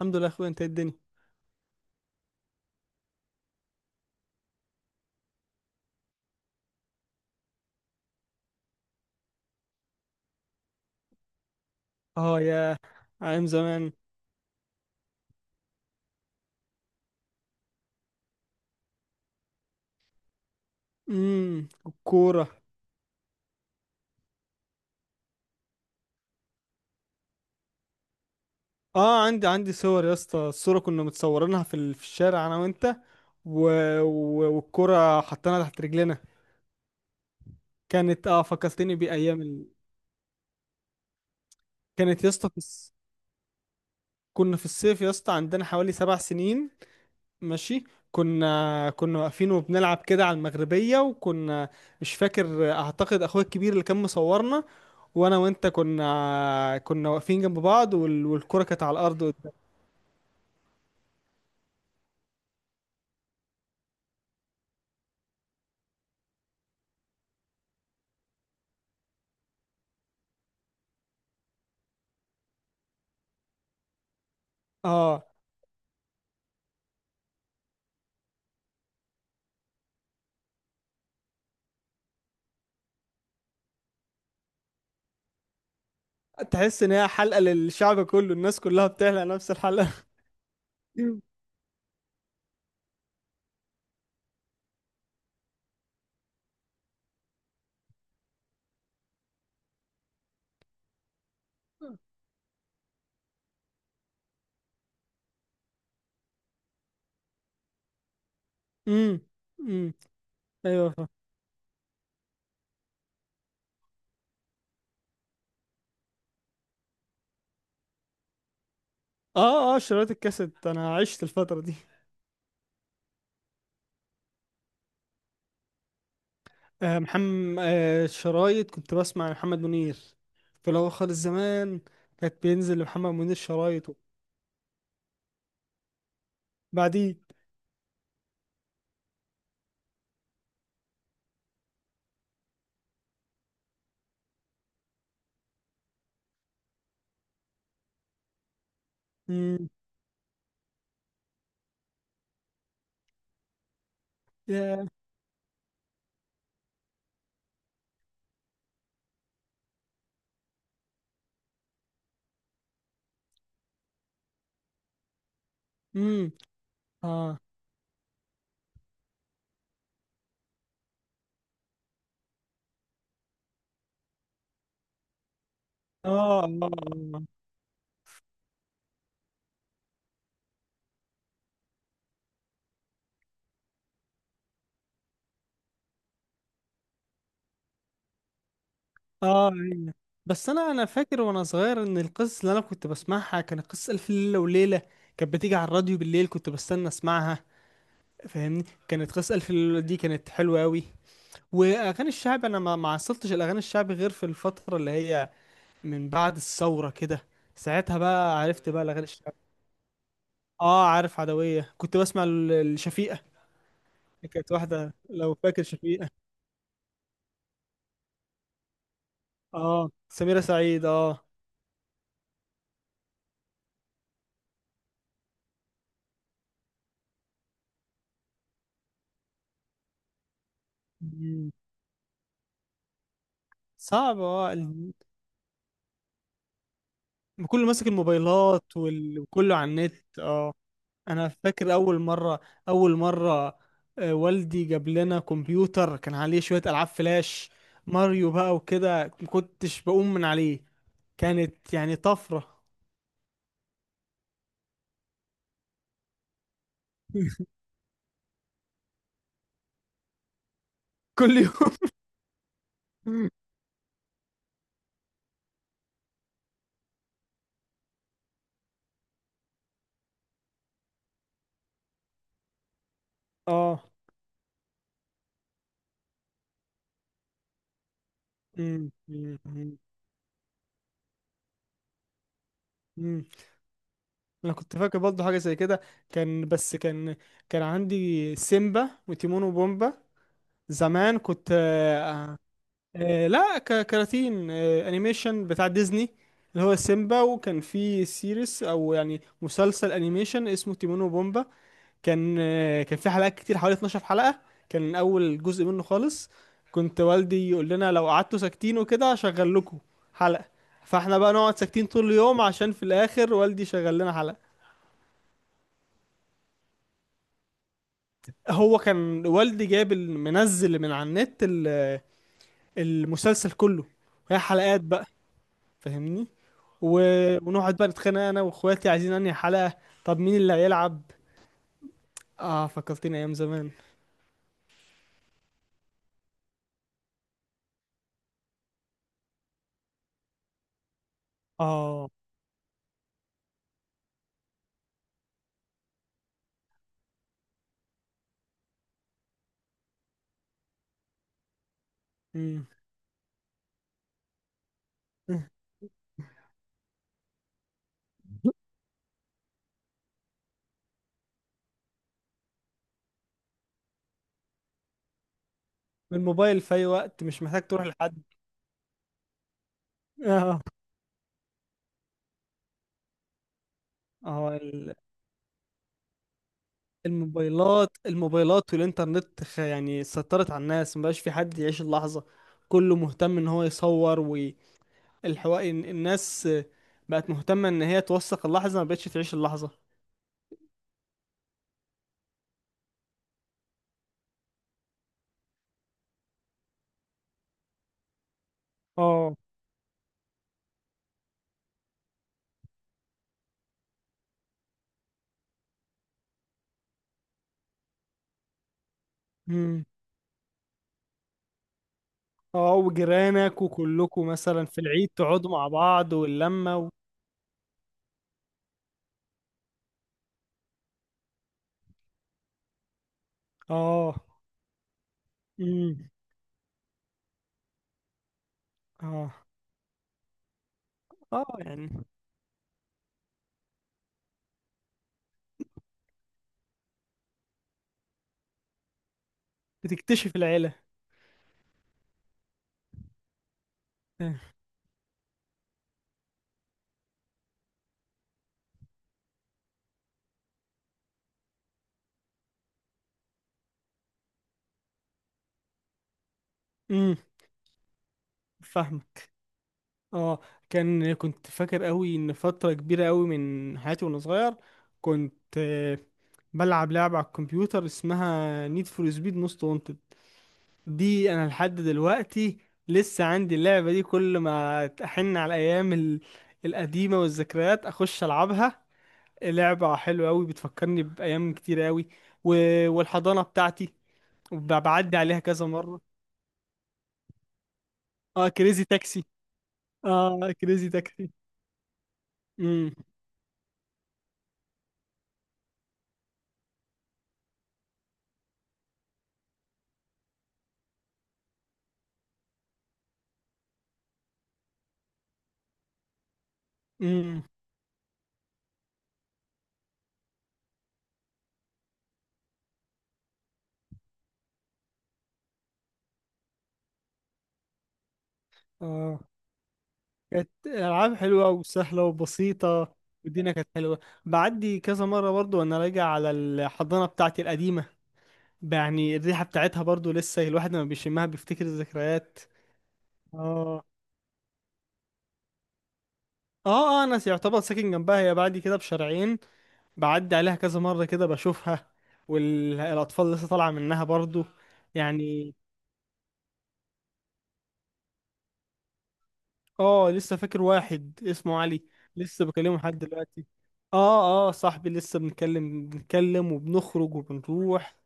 الحمد لله يا اخويا، انت إيه الدنيا؟ اه، يا ايام زمان. الكوره. اه، عندي صور يا اسطى. الصوره كنا متصورينها في الشارع انا وانت، و... والكوره حطيناها تحت رجلنا. كانت، اه، فكرتني كانت يا اسطى في الس... كنا في الصيف يا اسطى، عندنا حوالي 7 سنين. ماشي. كنا واقفين وبنلعب كده على المغربيه، وكنا مش فاكر. اعتقد اخويا الكبير اللي كان مصورنا، وانا وانت كنا واقفين جنب بعض، والكرة كانت على الارض قدام. اه. تحس ان هي حلقة للشعب كله، الناس كلها بتحلق نفس الحلقة. امم. امم. ايوه، فاهم. اه، اه، شرايط الكاسيت، انا عشت الفترة دي. آه، محمد، آه، شرايط، كنت بسمع لمحمد منير في الاول خالص زمان. كانت بينزل لمحمد منير شرايط. بعدين. امم. يا. امم. اه. اه. آه. آه. اه. أيوة. بس انا فاكر وانا صغير ان القصص اللي انا كنت بسمعها كانت قصة الف ليلة وليلة. كانت بتيجي على الراديو بالليل، كنت بستنى اسمعها. فاهمني، كانت قصة الف ليلة وليلة دي كانت حلوة قوي. واغاني الشعب انا ما عصرتش الاغاني الشعبي غير في الفترة اللي هي من بعد الثورة كده. ساعتها بقى عرفت بقى الاغاني الشعبي. اه، عارف، عدوية كنت بسمع الشفيقة. كانت واحدة، لو فاكر، شفيقة. اه، سميرة سعيد، اه. مم. صعب، اه. كله ماسك الموبايلات، وكله على النت، اه. انا فاكر اول مره آه، والدي جاب لنا كمبيوتر كان عليه شويه العاب فلاش، ماريو بقى وكده. ما كنتش بقوم من عليه، كانت يعني طفره. كل يوم، اه. أمم، أمم، أمم، أمم. انا كنت فاكر برضه حاجه زي كده. كان كان عندي سيمبا وتيمون وبومبا. زمان كنت، آه، آه، لا، كراتين، آه، انيميشن بتاع ديزني، اللي هو سيمبا. وكان في سيريس، او يعني مسلسل انيميشن اسمه تيمون وبومبا. كان، آه، كان في حلقات كتير، حوالي 12 حلقة. كان اول جزء منه خالص. كنت والدي يقول لنا لو قعدتوا ساكتين وكده هشغل لكم حلقة، فاحنا بقى نقعد ساكتين طول اليوم عشان في الاخر والدي شغل لنا حلقة. هو كان والدي جايب منزل من على النت المسلسل كله، هي حلقات بقى. فاهمني. و... ونقعد بقى نتخانق انا واخواتي، عايزين انهي حلقة، طب مين اللي هيلعب. اه، فكرتني ايام زمان. اه. امم. الموبايل في اي وقت، مش محتاج تروح لحد. اه. اه، الموبايلات والانترنت، يعني سيطرت على الناس، مبقاش في حد يعيش اللحظة. كله مهتم ان هو يصور. والحوار، الناس بقت مهتمة ان هي توثق اللحظة، مبقتش تعيش اللحظة. اه. اه، وجيرانك وكلكم مثلا في العيد تقعدوا مع بعض، واللمة، و... اه. امم. اه. اه، يعني بتكتشف العيلة. آه. امم. فاهمك، اه. كان كنت فاكر قوي ان فترة كبيرة قوي من حياتي وانا صغير، كنت، آه، بلعب لعبة على الكمبيوتر اسمها نيد فور سبيد موست وانتد. دي انا لحد دلوقتي لسه عندي اللعبة دي، كل ما احن على الايام القديمة والذكريات اخش العبها. لعبة حلوة أوي، بتفكرني بأيام كتير أوي. و... والحضانة بتاعتي، بعدي عليها كذا مرة. اه، كريزي تاكسي. اه، كريزي تاكسي. امم. امم. اه، كانت ألعاب حلوة وسهلة وبسيطة. والدنيا كانت حلوة. بعدي كذا مرة برضو وأنا راجع على الحضانة بتاعتي القديمة، يعني الريحة بتاعتها برضو لسه الواحد لما بيشمها بيفتكر الذكريات. اه. اه، اه، انا يعتبر ساكن جنبها، هي بعدي كده بشارعين. بعدي عليها كذا مرة كده، بشوفها، والأطفال لسه طالعة منها برضو. يعني، اه، لسه فاكر واحد اسمه علي، لسه بكلمه لحد دلوقتي. اه، اه، صاحبي، لسه بنتكلم بنتكلم وبنخرج وبنروح،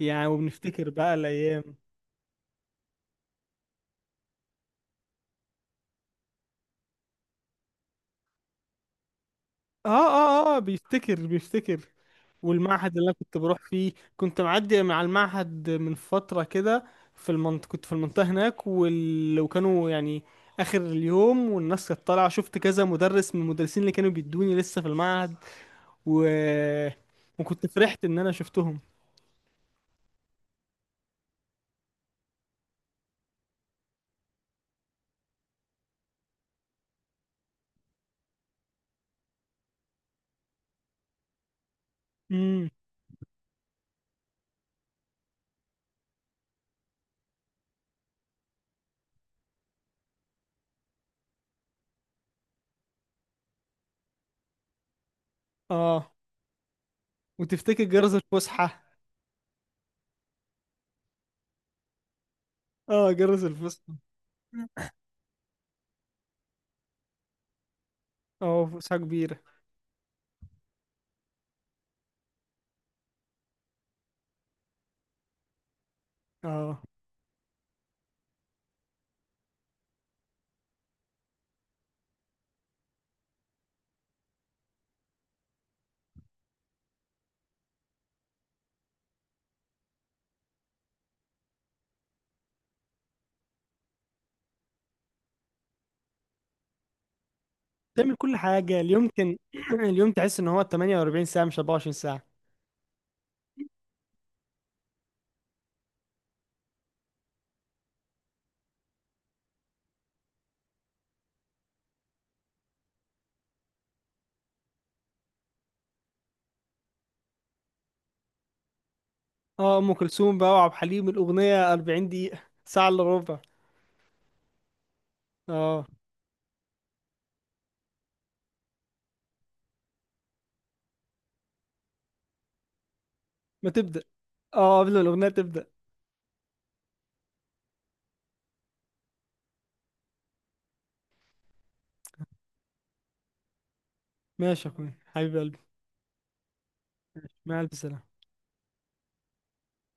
يعني وبنفتكر بقى الأيام. اه، اه، اه، بيفتكر، بيفتكر. والمعهد اللي انا كنت بروح فيه، كنت معدي مع المعهد من فترة كده في المنطقة. كنت في المنطقة هناك، وكانوا، يعني، اخر اليوم والناس كانت طالعة، شفت كذا مدرس من المدرسين اللي كانوا بيدوني لسه في المعهد، و... وكنت فرحت ان انا شفتهم. امم. اه، وتفتكر جرس الفسحة. اه، جرس الفسحة. اه، فسحة كبيرة. اه، تعمل كل حاجة. اليوم كان اليوم تحس ان هو 48 ساعة مش 24. اه، ام كلثوم بقى وعبد الحليم، الاغنيه 40 دقيقه، ساعه الا ربع. اه، ما تبدا. اه، قبل ما الاغنيه تبدا. ماشي يا اخوي، حبيب قلبي. مع الف سلامه.